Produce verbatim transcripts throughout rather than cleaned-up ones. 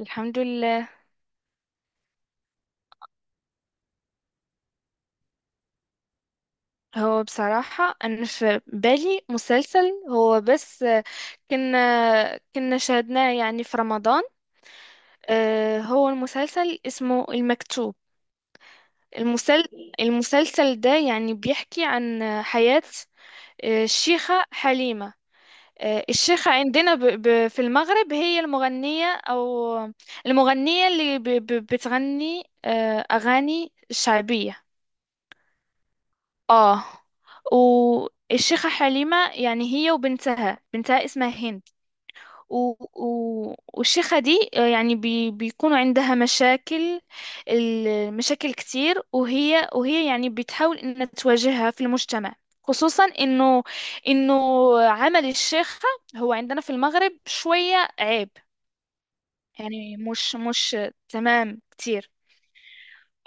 الحمد لله. هو بصراحة أنا في بالي مسلسل، هو بس آه، كنا كنا شاهدناه يعني في رمضان. آه، هو المسلسل اسمه المكتوب. المسل... المسلسل ده يعني بيحكي عن آه، حياة آه، الشيخة حليمة. آه، الشيخة عندنا ب... ب... في المغرب هي المغنية، أو المغنية اللي ب... ب... بتغني آه، أغاني شعبية. اه. والشيخة حليمة يعني هي وبنتها بنتها اسمها هند. و... و... والشيخة دي آه، يعني بي... بيكونوا عندها مشاكل، المشاكل كتير، وهي وهي يعني بتحاول انها تواجهها في المجتمع، خصوصا انه انه عمل الشيخة هو عندنا في المغرب شوية عيب. يعني مش مش تمام كتير.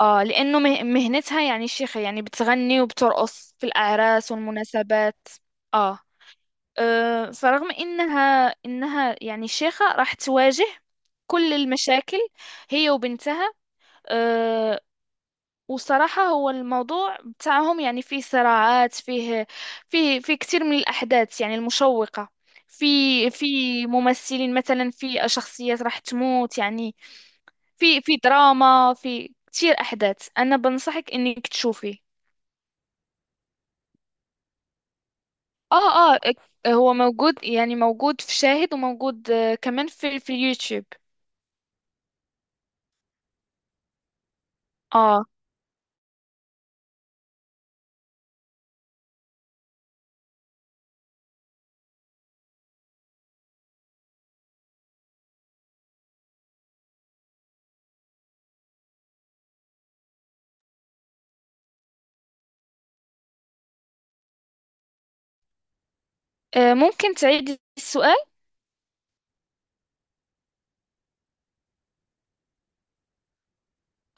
اه لانه مه- مهنتها يعني شيخة، يعني بتغني وبترقص في الاعراس والمناسبات. اه آه، فرغم انها انها يعني شيخة راح تواجه كل المشاكل، هي وبنتها. آه، وصراحة هو الموضوع بتاعهم يعني فيه صراعات، فيه فيه فيه كثير من الأحداث يعني المشوقة. في في ممثلين، مثلا في شخصيات راح تموت يعني، في في دراما، في كتير احداث، انا بنصحك انك تشوفيه. اه اه، هو موجود، يعني موجود في شاهد، وموجود آه، كمان في في اليوتيوب. اه. آه، ممكن تعيدي السؤال؟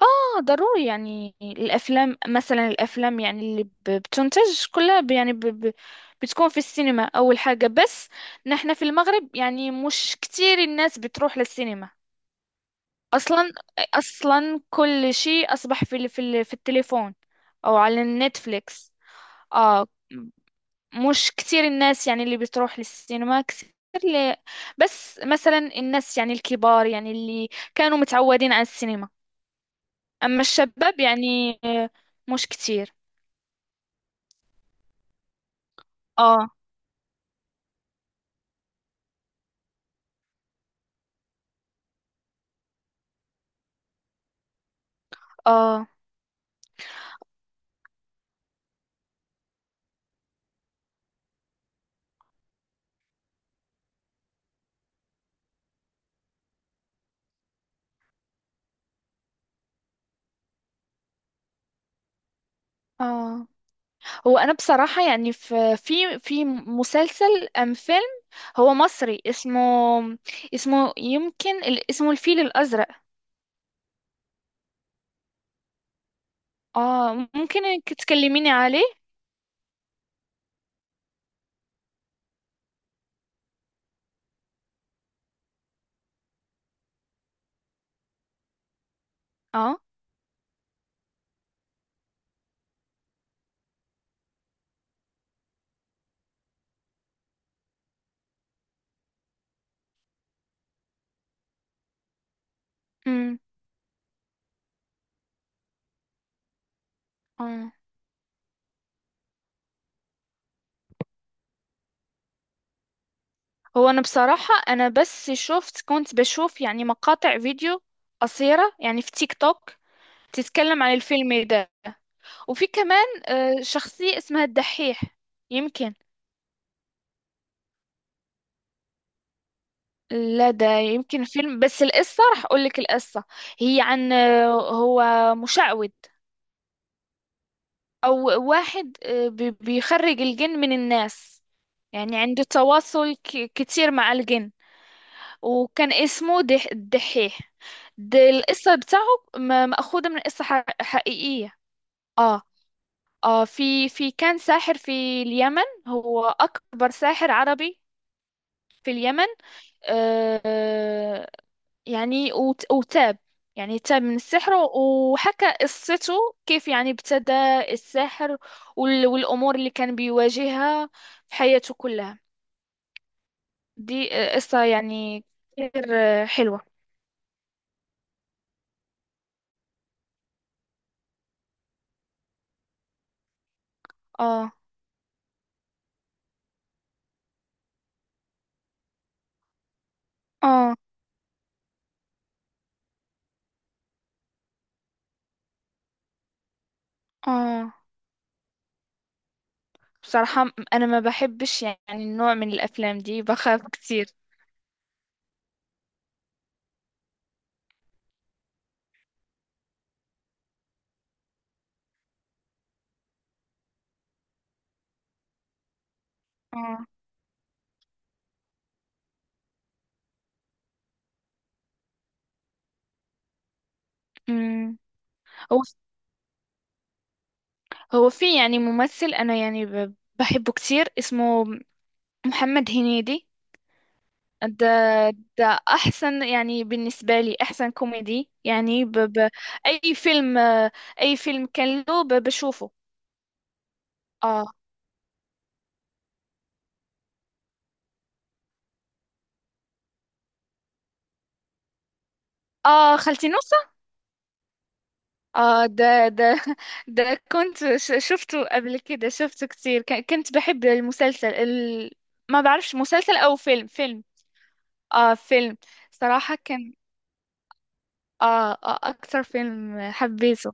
اه ضروري، يعني الافلام مثلا، الافلام يعني اللي ب- بتنتج كلها ب- يعني ب ب بتكون في السينما اول حاجة، بس نحن في المغرب يعني مش كتير الناس بتروح للسينما. اصلا اصلا كل شيء اصبح في ال- في ال- في التليفون او على النتفليكس. اه، مش كتير الناس يعني اللي بتروح للسينما كتير. ل... بس مثلا الناس يعني الكبار، يعني اللي كانوا متعودين على السينما، اما الشباب يعني آه، مش كتير. اه اه اه هو انا بصراحة يعني في في في مسلسل ام فيلم، هو مصري. اسمه اسمه، يمكن ال- اسمه الفيل الازرق. اه ممكن انك تكلميني عليه. اه امم اه هو انا بصراحة انا بس شفت، كنت بشوف يعني مقاطع فيديو قصيرة يعني في تيك توك تتكلم عن الفيلم ده. وفي كمان آه، شخصية اسمها الدحيح، يمكن. لا ده يمكن فيلم، بس القصة راح اقول لك. القصة هي عن آه، هو مشعوذ، او واحد آه، بي- بيخرج الجن من الناس، يعني عنده تواصل ك- كتير مع الجن، وكان اسمه دح الدحيح. ده القصة بتاعه، م- مأخوذة من قصة ح- حقيقية. اه اه، في في كان ساحر في اليمن، هو أكبر ساحر عربي في اليمن. آه يعني وت- وتاب، يعني تاب من السحر وحكى قصته، كيف يعني ابتدى السحر، وال- والأمور اللي كان بيواجهها في حياته كلها. دي آه، قصة يعني كتير آه، حلوة. اه اه اه بصراحة، م- أنا ما بحبش يعني النوع من الأفلام دي، بخاف كتير. اه أمم. هو هو في يعني ممثل أنا يعني ب- بحبه كتير، اسمه محمد هنيدي. ده ده أحسن يعني بالنسبة لي، أحسن كوميدي، يعني ب ب أي فيلم آه، أي فيلم كان له ب- بشوفه. آه آه خالتي نص. اه ده ده ده كنت ش- شفته قبل كده، شفته كتير، ك- كنت بحب المسلسل ال... ما بعرفش، مسلسل او فيلم فيلم. اه فيلم. صراحة كان آه, اه اكتر فيلم حبيته.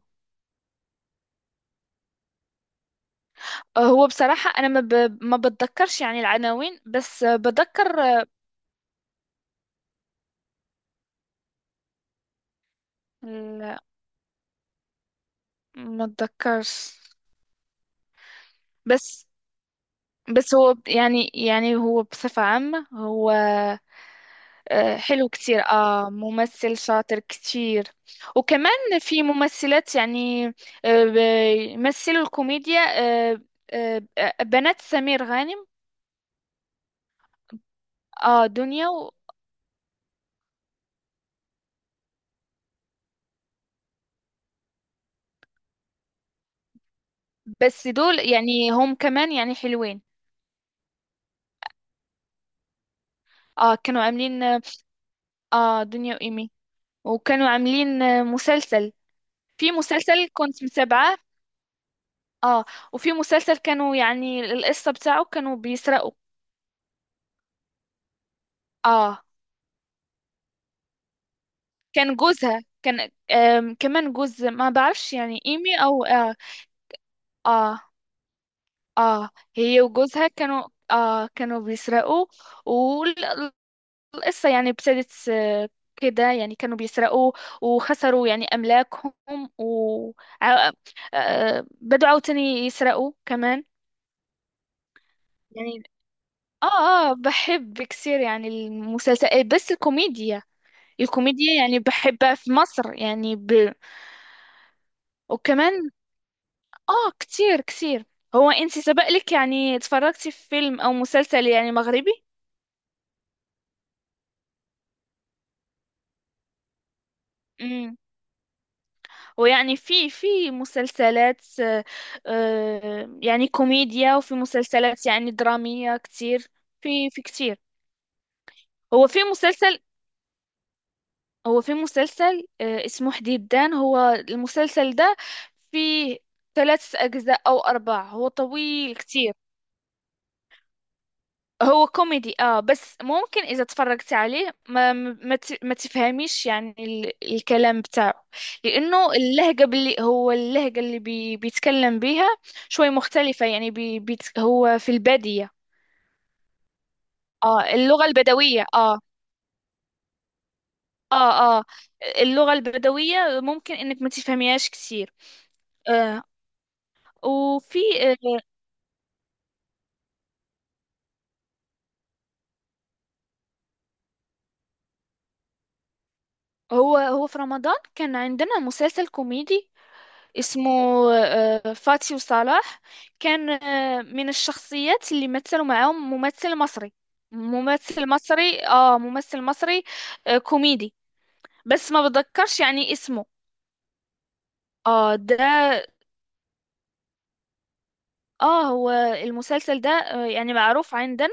آه هو بصراحة انا ما, ب... ما بتذكرش يعني العناوين، بس آه، بتذكر آه، ال- ما اتذكرش. بس بس هو ب- يعني يعني هو بصفة عامة هو آه، حلو كتير، آه ممثل شاطر كتير. وكمان في ممثلات يعني آه، ب- يمثلوا الكوميديا، آه، آه، آه، بنات سمير غانم. آه دنيا و- بس دول يعني هم كمان يعني حلوين. آه كانوا عاملين، آه دنيا وإيمي. وكانوا عاملين آه، مسلسل، في مسلسل كنت متابعاه. آه وفي مسلسل كانوا، يعني القصة بتاعه كانوا بيسرقوا. آه، كان جوزها كان آم، كمان جوز، ما بعرفش يعني ايمي او اه. اه, آه هي وجوزها كانوا، آه كانوا بيسرقوا، والقصة يعني ابتدت آه، كده، يعني كانوا بيسرقوا، وخسروا يعني أملاكهم، و آه، آه، بدوا عاوتاني يسرقوا كمان، يعني. اه اه، بحب كثير يعني المسلسل، بس الكوميديا، الكوميديا يعني بحبها في مصر، يعني ب... وكمان اه كتير كتير. هو انتي سبق لك يعني اتفرجتي في فيلم او مسلسل يعني مغربي؟ امم ويعني في في مسلسلات آه، آه، يعني كوميديا، وفي مسلسلات يعني درامية كتير، في في كتير. هو في مسلسل هو في مسلسل آه، اسمه حديدان، هو المسلسل ده فيه ثلاث أجزاء أو أربع، هو طويل كتير. هو كوميدي، اه بس ممكن اذا تفرجت عليه ما ما, ت- ما تفهميش يعني ال الكلام بتاعه، لانه اللهجة اللي هو اللهجة اللي بي بيتكلم بيها شوي مختلفة، يعني بي بيت هو في البادية. اه اللغة البدوية، اه. اه اه، اللغة البدوية ممكن انك ما تفهميهاش كثير. آه وفي آه هو هو في رمضان كان عندنا مسلسل كوميدي اسمه آه، فاتي وصلاح. كان آه، من الشخصيات اللي مثلوا معاهم ممثل مصري، ممثل مصري اه ممثل مصري آه، كوميدي، بس ما بتذكرش يعني اسمه. اه ده، اه هو المسلسل ده آه، يعني معروف عندنا،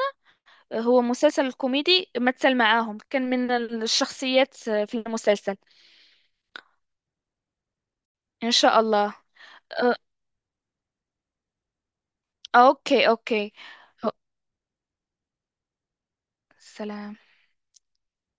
آه، هو مسلسل كوميدي، مثل معاهم كان من الشخصيات آه، في المسلسل. ان شاء الله. آه، آه، اوكي اوكي. أو- سلام.